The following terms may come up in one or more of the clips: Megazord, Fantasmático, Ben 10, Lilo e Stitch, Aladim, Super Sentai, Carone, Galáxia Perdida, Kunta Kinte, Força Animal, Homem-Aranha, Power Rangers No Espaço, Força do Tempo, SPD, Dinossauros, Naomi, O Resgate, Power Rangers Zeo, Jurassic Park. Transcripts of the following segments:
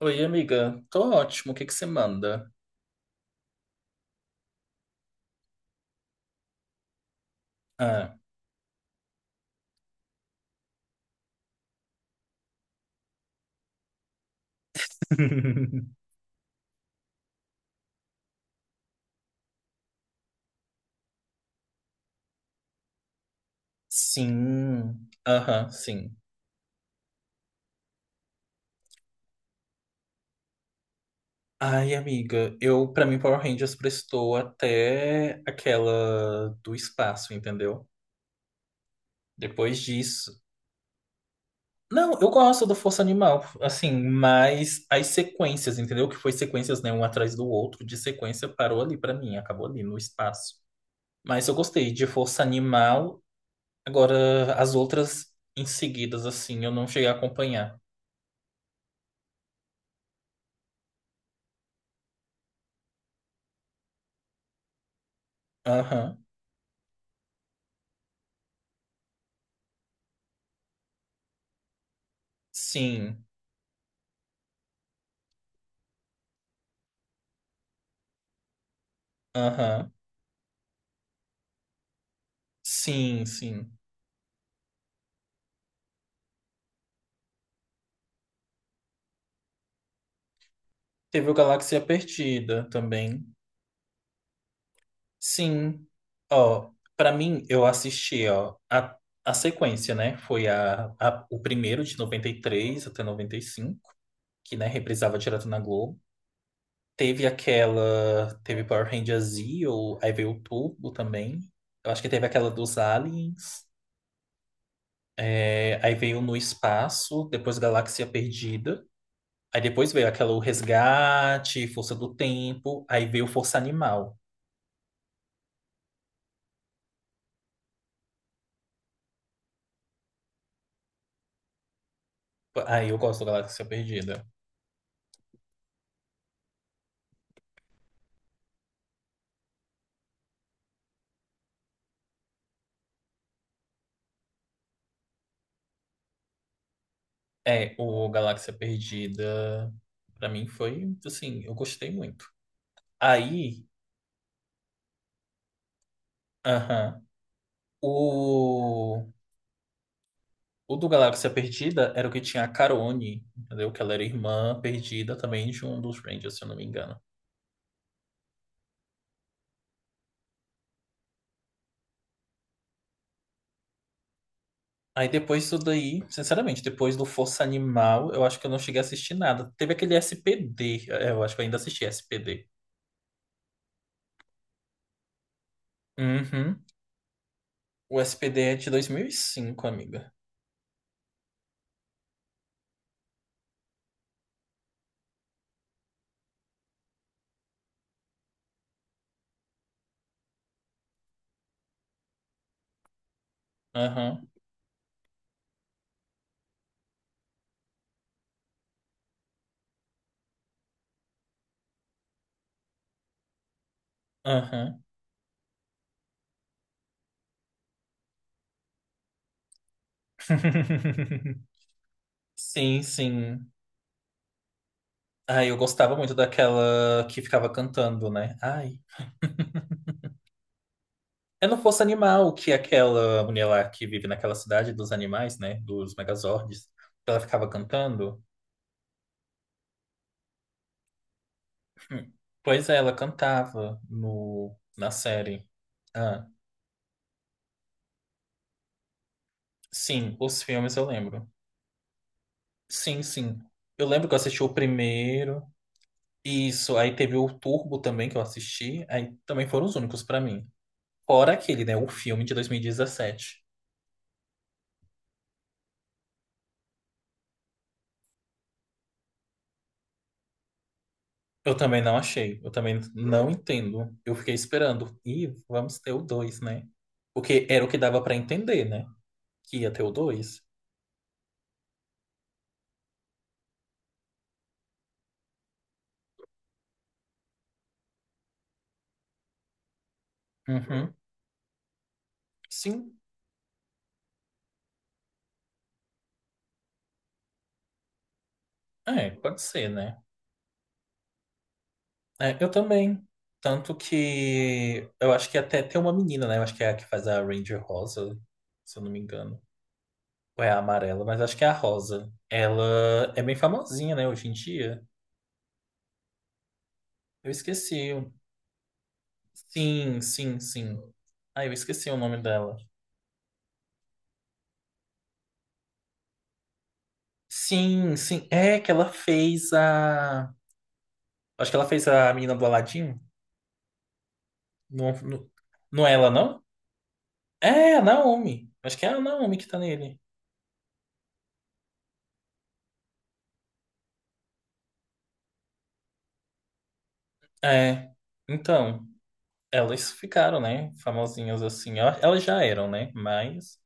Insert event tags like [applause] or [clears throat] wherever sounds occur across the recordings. Oi, amiga. Tô ótimo. O que que você manda? Ah, [laughs] sim. Aham, sim. Ai, amiga, eu, pra mim, Power Rangers prestou até aquela do espaço, entendeu? Depois disso. Não, eu gosto do Força Animal, assim, mas as sequências, entendeu? Que foi sequências, né, um atrás do outro, de sequência parou ali pra mim, acabou ali no espaço. Mas eu gostei de Força Animal. Agora, as outras em seguidas, assim, eu não cheguei a acompanhar. Aham. Sim. Aham. Sim, sim. Teve o Galáxia Perdida também. Sim. Ó, pra mim, eu assisti, ó, a sequência, né? Foi o primeiro de 93 até 95 que, né, reprisava direto na Globo. Teve Power Rangers Zeo, aí veio o Turbo também. Eu acho que teve aquela dos Aliens. É, aí veio No Espaço, depois Galáxia Perdida. Aí depois veio aquela O Resgate, Força do Tempo, aí veio Força Animal. Aí eu gosto do Galáxia Perdida. É, o Galáxia Perdida, pra mim foi, assim, eu gostei muito. Aí, aham, o, o do Galáxia Perdida era o que tinha a Carone, entendeu? Que ela era irmã perdida também de um dos Rangers, se eu não me engano. Aí depois disso daí, sinceramente, depois do Força Animal, eu acho que eu não cheguei a assistir nada. Teve aquele SPD, eu acho que eu ainda assisti SPD. Uhum. O SPD é de 2005, amiga. Aham, aham. [laughs] Sim, sim. Ai, eu gostava muito daquela que ficava cantando, né? Ai. [laughs] Eu não fosse animal, que é aquela mulher lá que vive naquela cidade dos animais, né? Dos Megazords. Ela ficava cantando. [clears throat] Hum. Pois é, ela cantava no, na série. Ah, sim, os filmes eu lembro. Sim, sim. Eu lembro que eu assisti o primeiro. Isso, aí teve o Turbo também que eu assisti, aí também foram os únicos pra mim. Fora aquele, né, o filme de 2017. Eu também não achei, eu também não entendo. Eu fiquei esperando, e vamos ter o 2, né? Porque era o que dava pra entender, né? Que ia ter o 2. Uhum. Sim, é, pode ser, né? É, eu também. Tanto que eu acho que até tem uma menina, né? Eu acho que é a que faz a Ranger Rosa, se eu não me engano. Ou é a amarela, mas acho que é a rosa. Ela é bem famosinha, né, hoje em dia. Eu esqueci. Sim, sim, sim. Ah, eu esqueci o nome dela. Sim, sim. É que ela fez a. Acho que ela fez a menina do Aladim. Não, não, não é ela, não? É, a Naomi. Acho que é a Naomi que tá nele. É. Então, elas ficaram, né? Famosinhas assim. Elas já eram, né? Mas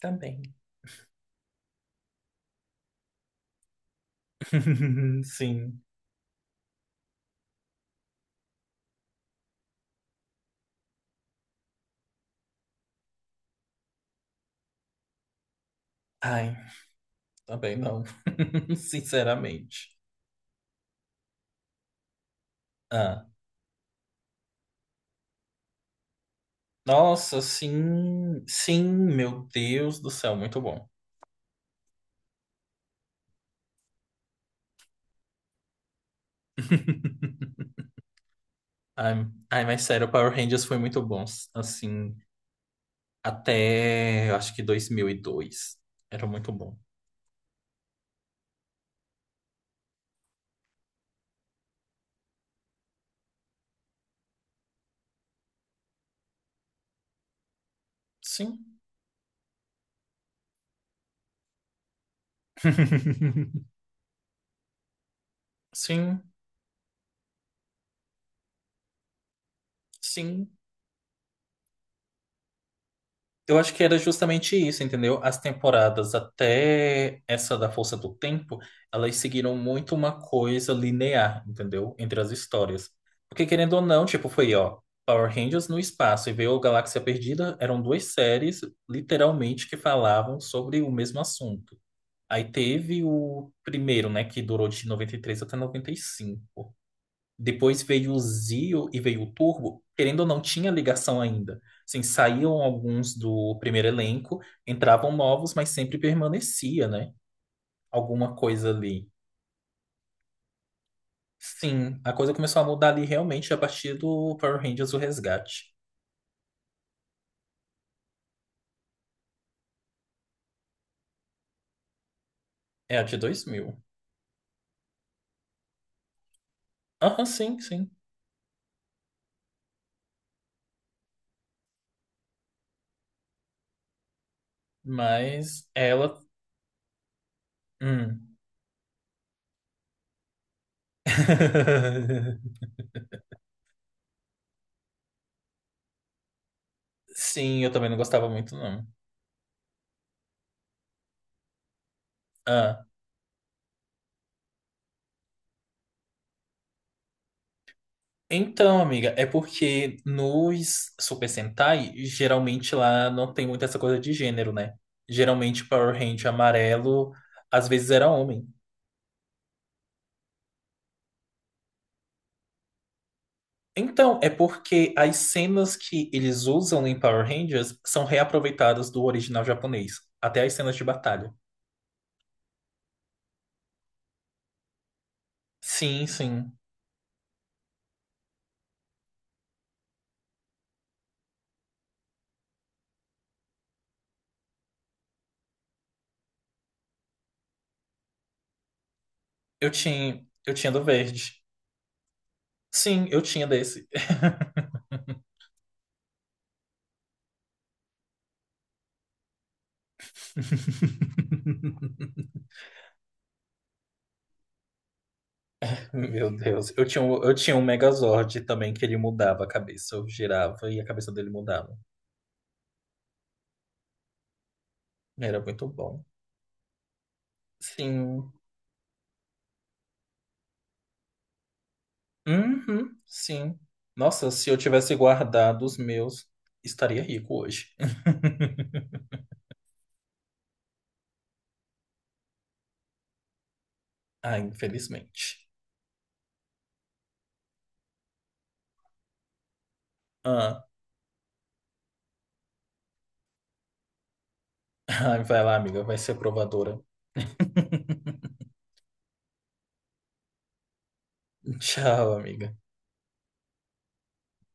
também. [laughs] Sim. Ai. Também não, [laughs] sinceramente. Ah, nossa, sim, sim, meu Deus do céu, muito bom. [laughs] Ai, ai, mas sério, Power Rangers foi muito bom, assim, até eu acho que 2002 era muito bom. Sim, [laughs] sim, sim. Eu acho que era justamente isso, entendeu? As temporadas até essa da Força do Tempo, elas seguiram muito uma coisa linear, entendeu? Entre as histórias. Porque querendo ou não, tipo, foi, ó, Power Rangers no espaço e veio Galáxia Perdida, eram duas séries, literalmente, que falavam sobre o mesmo assunto. Aí teve o primeiro, né, que durou de 93 até 95. Depois veio o Zio e veio o Turbo, querendo ou não, tinha ligação ainda. Assim, saíam alguns do primeiro elenco, entravam novos, mas sempre permanecia, né? Alguma coisa ali. Sim, a coisa começou a mudar ali realmente a partir do Power Rangers O Resgate. É, a de 2000. Aham, sim, sim. Mas ela. Hum. [laughs] Sim, eu também não gostava muito, não. Ah, então, amiga, é porque nos Super Sentai, geralmente lá não tem muito essa coisa de gênero, né? Geralmente Power Ranger amarelo às vezes era homem. Então, é porque as cenas que eles usam em Power Rangers são reaproveitadas do original japonês, até as cenas de batalha. Sim, sim. Eu tinha do verde. Sim, eu tinha desse. [laughs] Meu Deus. Eu tinha um Megazord também que ele mudava a cabeça. Eu girava e a cabeça dele mudava. Era muito bom. Sim. Uhum, sim. Nossa, se eu tivesse guardado os meus, estaria rico hoje. [laughs] Ah, infelizmente. Ah, [laughs] ai, vai lá, amiga. Vai ser provadora. [laughs] Tchau, amiga.